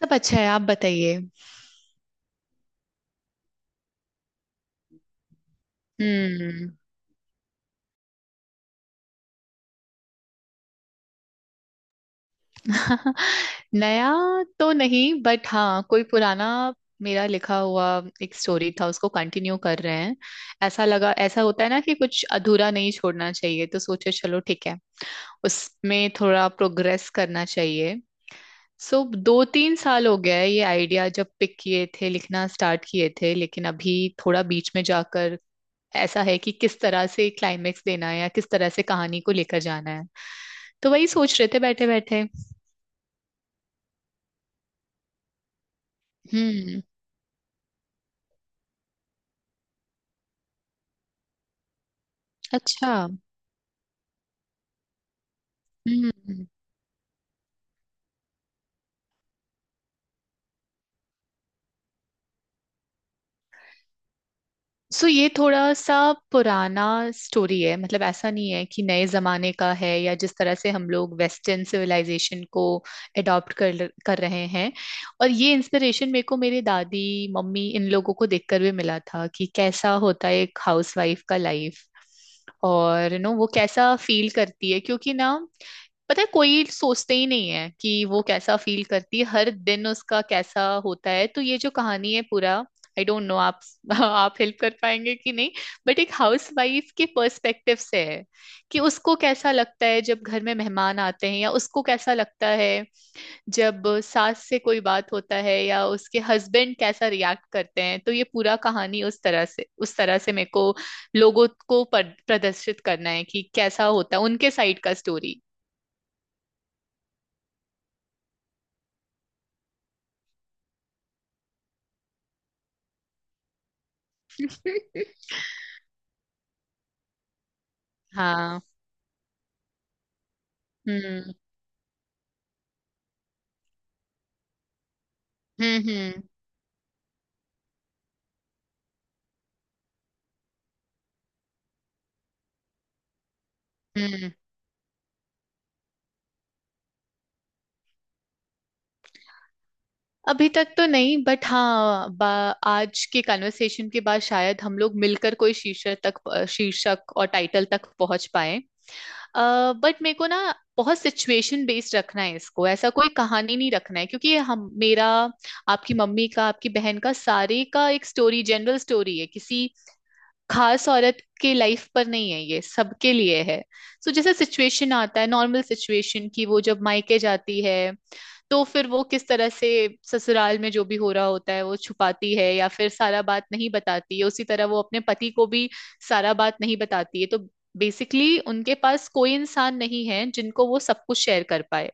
सब अच्छा है। आप बताइए। हम्म। नया तो नहीं, बट हाँ कोई पुराना, मेरा लिखा हुआ एक स्टोरी था, उसको कंटिन्यू कर रहे हैं। ऐसा लगा, ऐसा होता है ना कि कुछ अधूरा नहीं छोड़ना चाहिए, तो सोचे चलो ठीक है, उसमें थोड़ा प्रोग्रेस करना चाहिए। सो 2-3 साल हो गया है ये आइडिया जब पिक किए थे, लिखना स्टार्ट किए थे, लेकिन अभी थोड़ा बीच में जाकर ऐसा है कि किस तरह से क्लाइमेक्स देना है या किस तरह से कहानी को लेकर जाना है। तो वही सोच रहे थे बैठे बैठे। हम्म। अच्छा। हम्म। सो ये थोड़ा सा पुराना स्टोरी है, मतलब ऐसा नहीं है कि नए जमाने का है या जिस तरह से हम लोग वेस्टर्न सिविलाइजेशन को अडॉप्ट कर कर रहे हैं। और ये इंस्पिरेशन मेरे को मेरे दादी, मम्मी, इन लोगों को देखकर भी मिला था कि कैसा होता है एक हाउसवाइफ का लाइफ और नो वो कैसा फील करती है, क्योंकि ना पता है कोई सोचते ही नहीं है कि वो कैसा फील करती है, हर दिन उसका कैसा होता है। तो ये जो कहानी है पूरा, आई डोंट नो आप आप हेल्प कर पाएंगे कि नहीं। बट एक हाउस वाइफ के पर्सपेक्टिव से है कि उसको कैसा लगता है जब घर में मेहमान आते हैं, या उसको कैसा लगता है जब सास से कोई बात होता है या उसके हस्बैंड कैसा रिएक्ट करते हैं। तो ये पूरा कहानी उस तरह से मेरे को लोगों को प्रदर्शित करना है कि कैसा होता है उनके साइड का स्टोरी। हाँ। हम्म। हम्म। हम्म। हम्म। अभी तक तो नहीं, बट हाँ आज के कन्वर्सेशन के बाद शायद हम लोग मिलकर कोई शीर्षक और टाइटल तक पहुंच पाए। बट मेरे को ना बहुत सिचुएशन बेस्ड रखना है इसको, ऐसा कोई कहानी नहीं रखना है, क्योंकि ये हम मेरा, आपकी मम्मी का, आपकी बहन का, सारे का एक स्टोरी जनरल स्टोरी है, किसी खास औरत के लाइफ पर नहीं है, ये सबके लिए है। सो जैसे सिचुएशन आता है, नॉर्मल सिचुएशन, कि वो जब मायके जाती है तो फिर वो किस तरह से ससुराल में जो भी हो रहा होता है वो छुपाती है, या फिर सारा बात नहीं बताती है, उसी तरह वो अपने पति को भी सारा बात नहीं बताती है। तो बेसिकली उनके पास कोई इंसान नहीं है जिनको वो सब कुछ शेयर कर पाए।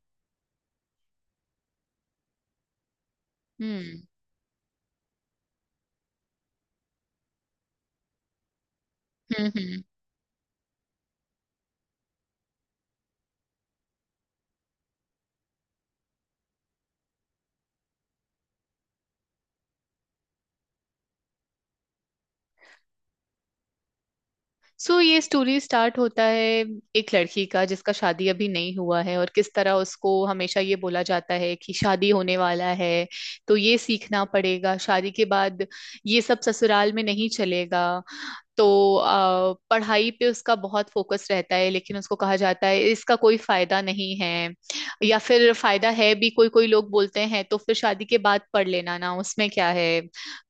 हम्म। हम्म। हम्म। सो ये स्टोरी स्टार्ट होता है एक लड़की का जिसका शादी अभी नहीं हुआ है, और किस तरह उसको हमेशा ये बोला जाता है कि शादी होने वाला है तो ये सीखना पड़ेगा, शादी के बाद ये सब ससुराल में नहीं चलेगा। तो पढ़ाई पे उसका बहुत फोकस रहता है, लेकिन उसको कहा जाता है इसका कोई फायदा नहीं है, या फिर फायदा है भी, कोई कोई लोग बोलते हैं तो फिर शादी के बाद पढ़ लेना ना, उसमें क्या है।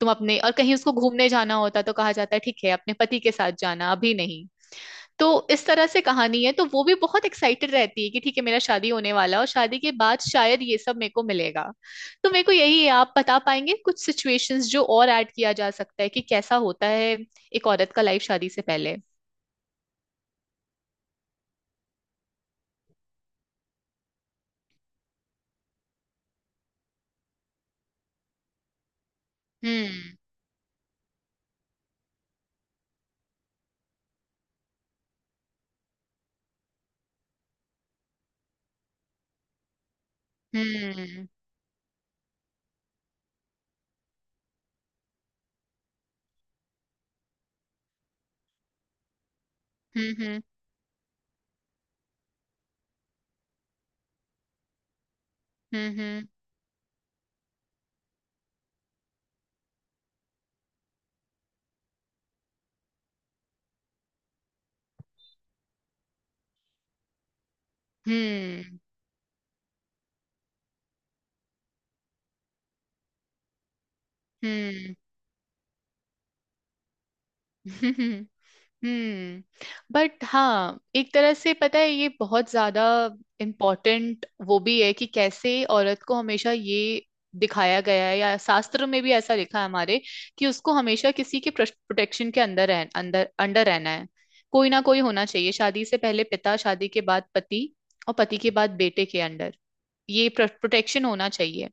तुम अपने और कहीं उसको घूमने जाना होता तो कहा जाता है ठीक है अपने पति के साथ जाना, अभी नहीं। तो इस तरह से कहानी है। तो वो भी बहुत एक्साइटेड रहती है कि ठीक है मेरा शादी होने वाला है और शादी के बाद शायद ये सब मेरे को मिलेगा। तो मेरे को यही है, आप बता पाएंगे कुछ सिचुएशंस जो और ऐड किया जा सकता है कि कैसा होता है एक औरत का लाइफ शादी से पहले। हम्म। हम्म। हम्म। हम्म। हम्म। हम्म। हम्म। हम्म। हम्म। बट हाँ एक तरह से पता है ये बहुत ज्यादा इम्पोर्टेंट वो भी है कि कैसे औरत को हमेशा ये दिखाया गया है, या शास्त्र में भी ऐसा लिखा है हमारे, कि उसको हमेशा किसी के प्रोटेक्शन के अंदर रह, अंदर अंडर रहना है। कोई ना कोई होना चाहिए, शादी से पहले पिता, शादी के बाद पति, और पति के बाद बेटे के अंडर, ये प्रोटेक्शन होना चाहिए।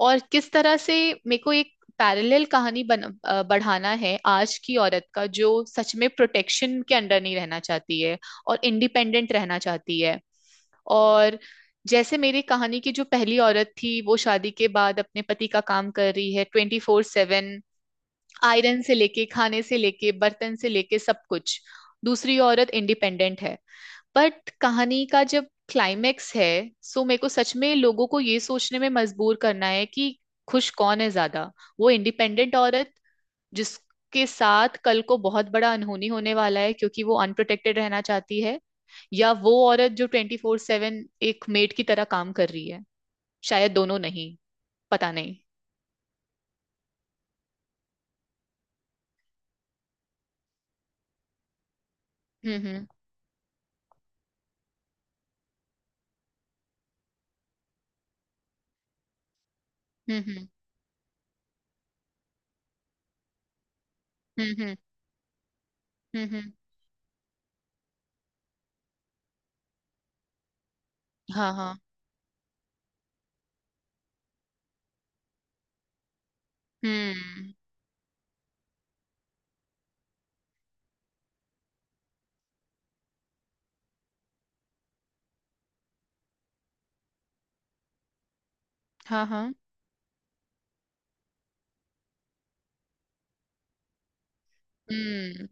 और किस तरह से मेरे को एक पैरेलल कहानी बढ़ाना है, आज की औरत का जो सच में प्रोटेक्शन के अंडर नहीं रहना चाहती है और इंडिपेंडेंट रहना चाहती है। और जैसे मेरी कहानी की जो पहली औरत थी वो शादी के बाद अपने पति का काम कर रही है 24/7, आयरन से लेके, खाने से लेके, बर्तन से लेके, सब कुछ। दूसरी औरत इंडिपेंडेंट है। बट कहानी का जब क्लाइमेक्स है, सो मेरे को सच में लोगों को ये सोचने में मजबूर करना है कि खुश कौन है ज्यादा, वो इंडिपेंडेंट औरत जिसके साथ कल को बहुत बड़ा अनहोनी होने वाला है क्योंकि वो अनप्रोटेक्टेड रहना चाहती है, या वो औरत जो 24/7 एक मेड की तरह काम कर रही है। शायद दोनों नहीं। पता नहीं। हम्म। हम्म। हम्म। हम्म। हम्म। हम्म। हाँ। हाँ। हम्म। हाँ। हाँ। हम्म।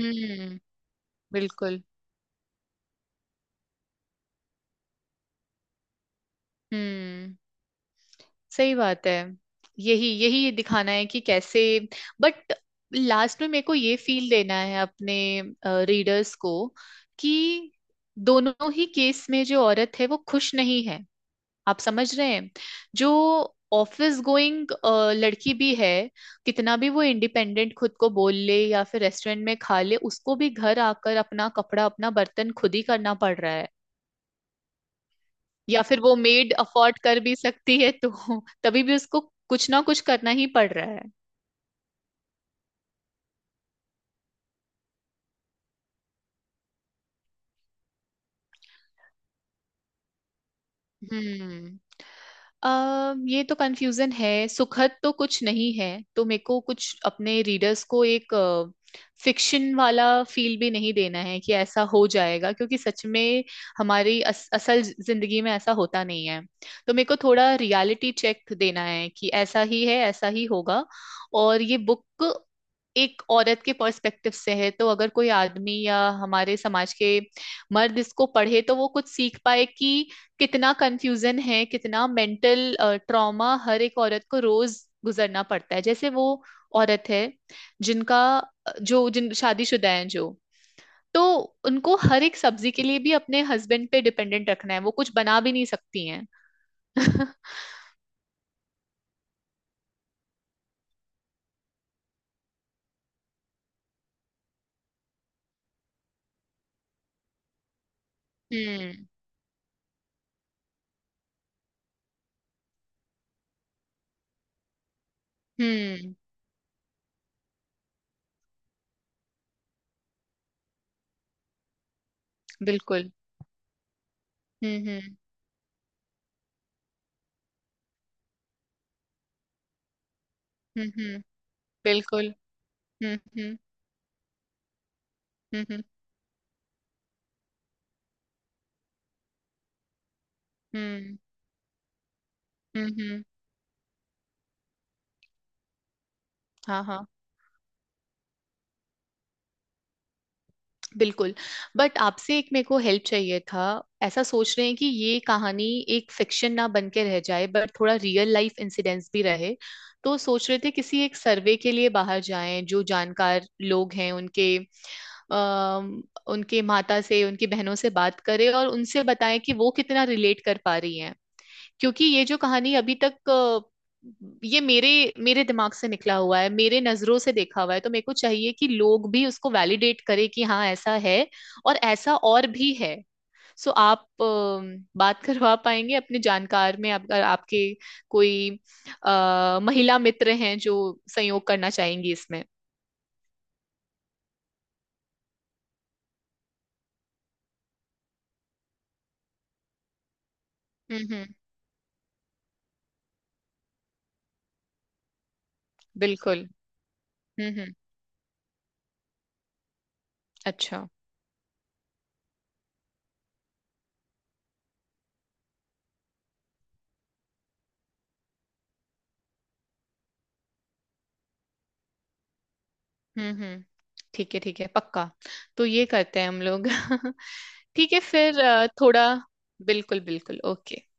हम्म। बिल्कुल। हम्म। सही बात है। यही यही दिखाना है कि कैसे। बट लास्ट में मेरे को ये फील देना है अपने रीडर्स को कि दोनों ही केस में जो औरत है वो खुश नहीं है। आप समझ रहे हैं। जो ऑफिस गोइंग लड़की भी है, कितना भी वो इंडिपेंडेंट खुद को बोल ले या फिर रेस्टोरेंट में खा ले, उसको भी घर आकर अपना कपड़ा अपना बर्तन खुद ही करना पड़ रहा है। या फिर वो मेड अफोर्ड कर भी सकती है, तो तभी भी उसको कुछ ना कुछ करना ही पड़ रहा है। हम्म। ये तो कंफ्यूजन है। सुखद तो कुछ नहीं है। तो मेरे को कुछ अपने रीडर्स को एक फिक्शन वाला फील भी नहीं देना है कि ऐसा हो जाएगा, क्योंकि सच में हमारी असल जिंदगी में ऐसा होता नहीं है। तो मेरे को थोड़ा रियलिटी चेक देना है कि ऐसा ही है, ऐसा ही होगा। और ये बुक एक औरत के पर्सपेक्टिव से है, तो अगर कोई आदमी या हमारे समाज के मर्द इसको पढ़े तो वो कुछ सीख पाए कि कितना कंफ्यूजन है, कितना मेंटल ट्रॉमा हर एक औरत को रोज गुजरना पड़ता है। जैसे वो औरत है जिनका जो जिन शादीशुदा हैं जो तो उनको हर एक सब्जी के लिए भी अपने हस्बैंड पे डिपेंडेंट रखना है, वो कुछ बना भी नहीं सकती हैं। हम्म। हम्म। बिल्कुल। हम्म। हम्म। हम्म। बिल्कुल। हम्म। हम्म। हम्म। हम्म। हम्म। हाँ। हाँ। बिल्कुल। बट आपसे एक मेरे को हेल्प चाहिए था। ऐसा सोच रहे हैं कि ये कहानी एक फिक्शन ना बन के रह जाए, बट थोड़ा रियल लाइफ इंसिडेंट्स भी रहे। तो सोच रहे थे किसी एक सर्वे के लिए बाहर जाएं, जो जानकार लोग हैं अम उनके माता से, उनकी बहनों से बात करें और उनसे बताएं कि वो कितना रिलेट कर पा रही हैं, क्योंकि ये जो कहानी अभी तक ये मेरे मेरे दिमाग से निकला हुआ है, मेरे नजरों से देखा हुआ है, तो मेरे को चाहिए कि लोग भी उसको वैलिडेट करें कि हाँ ऐसा है और ऐसा और भी है। सो आप बात करवा पाएंगे अपने जानकार में, अगर आपके कोई महिला मित्र हैं जो सहयोग करना चाहेंगी इसमें। हम्म। हम्म। बिल्कुल। हम्म। हम्म। अच्छा। हम्म। हम्म। ठीक है, ठीक है, पक्का। तो ये करते हैं हम लोग। ठीक है फिर, थोड़ा, बिल्कुल बिल्कुल, ओके।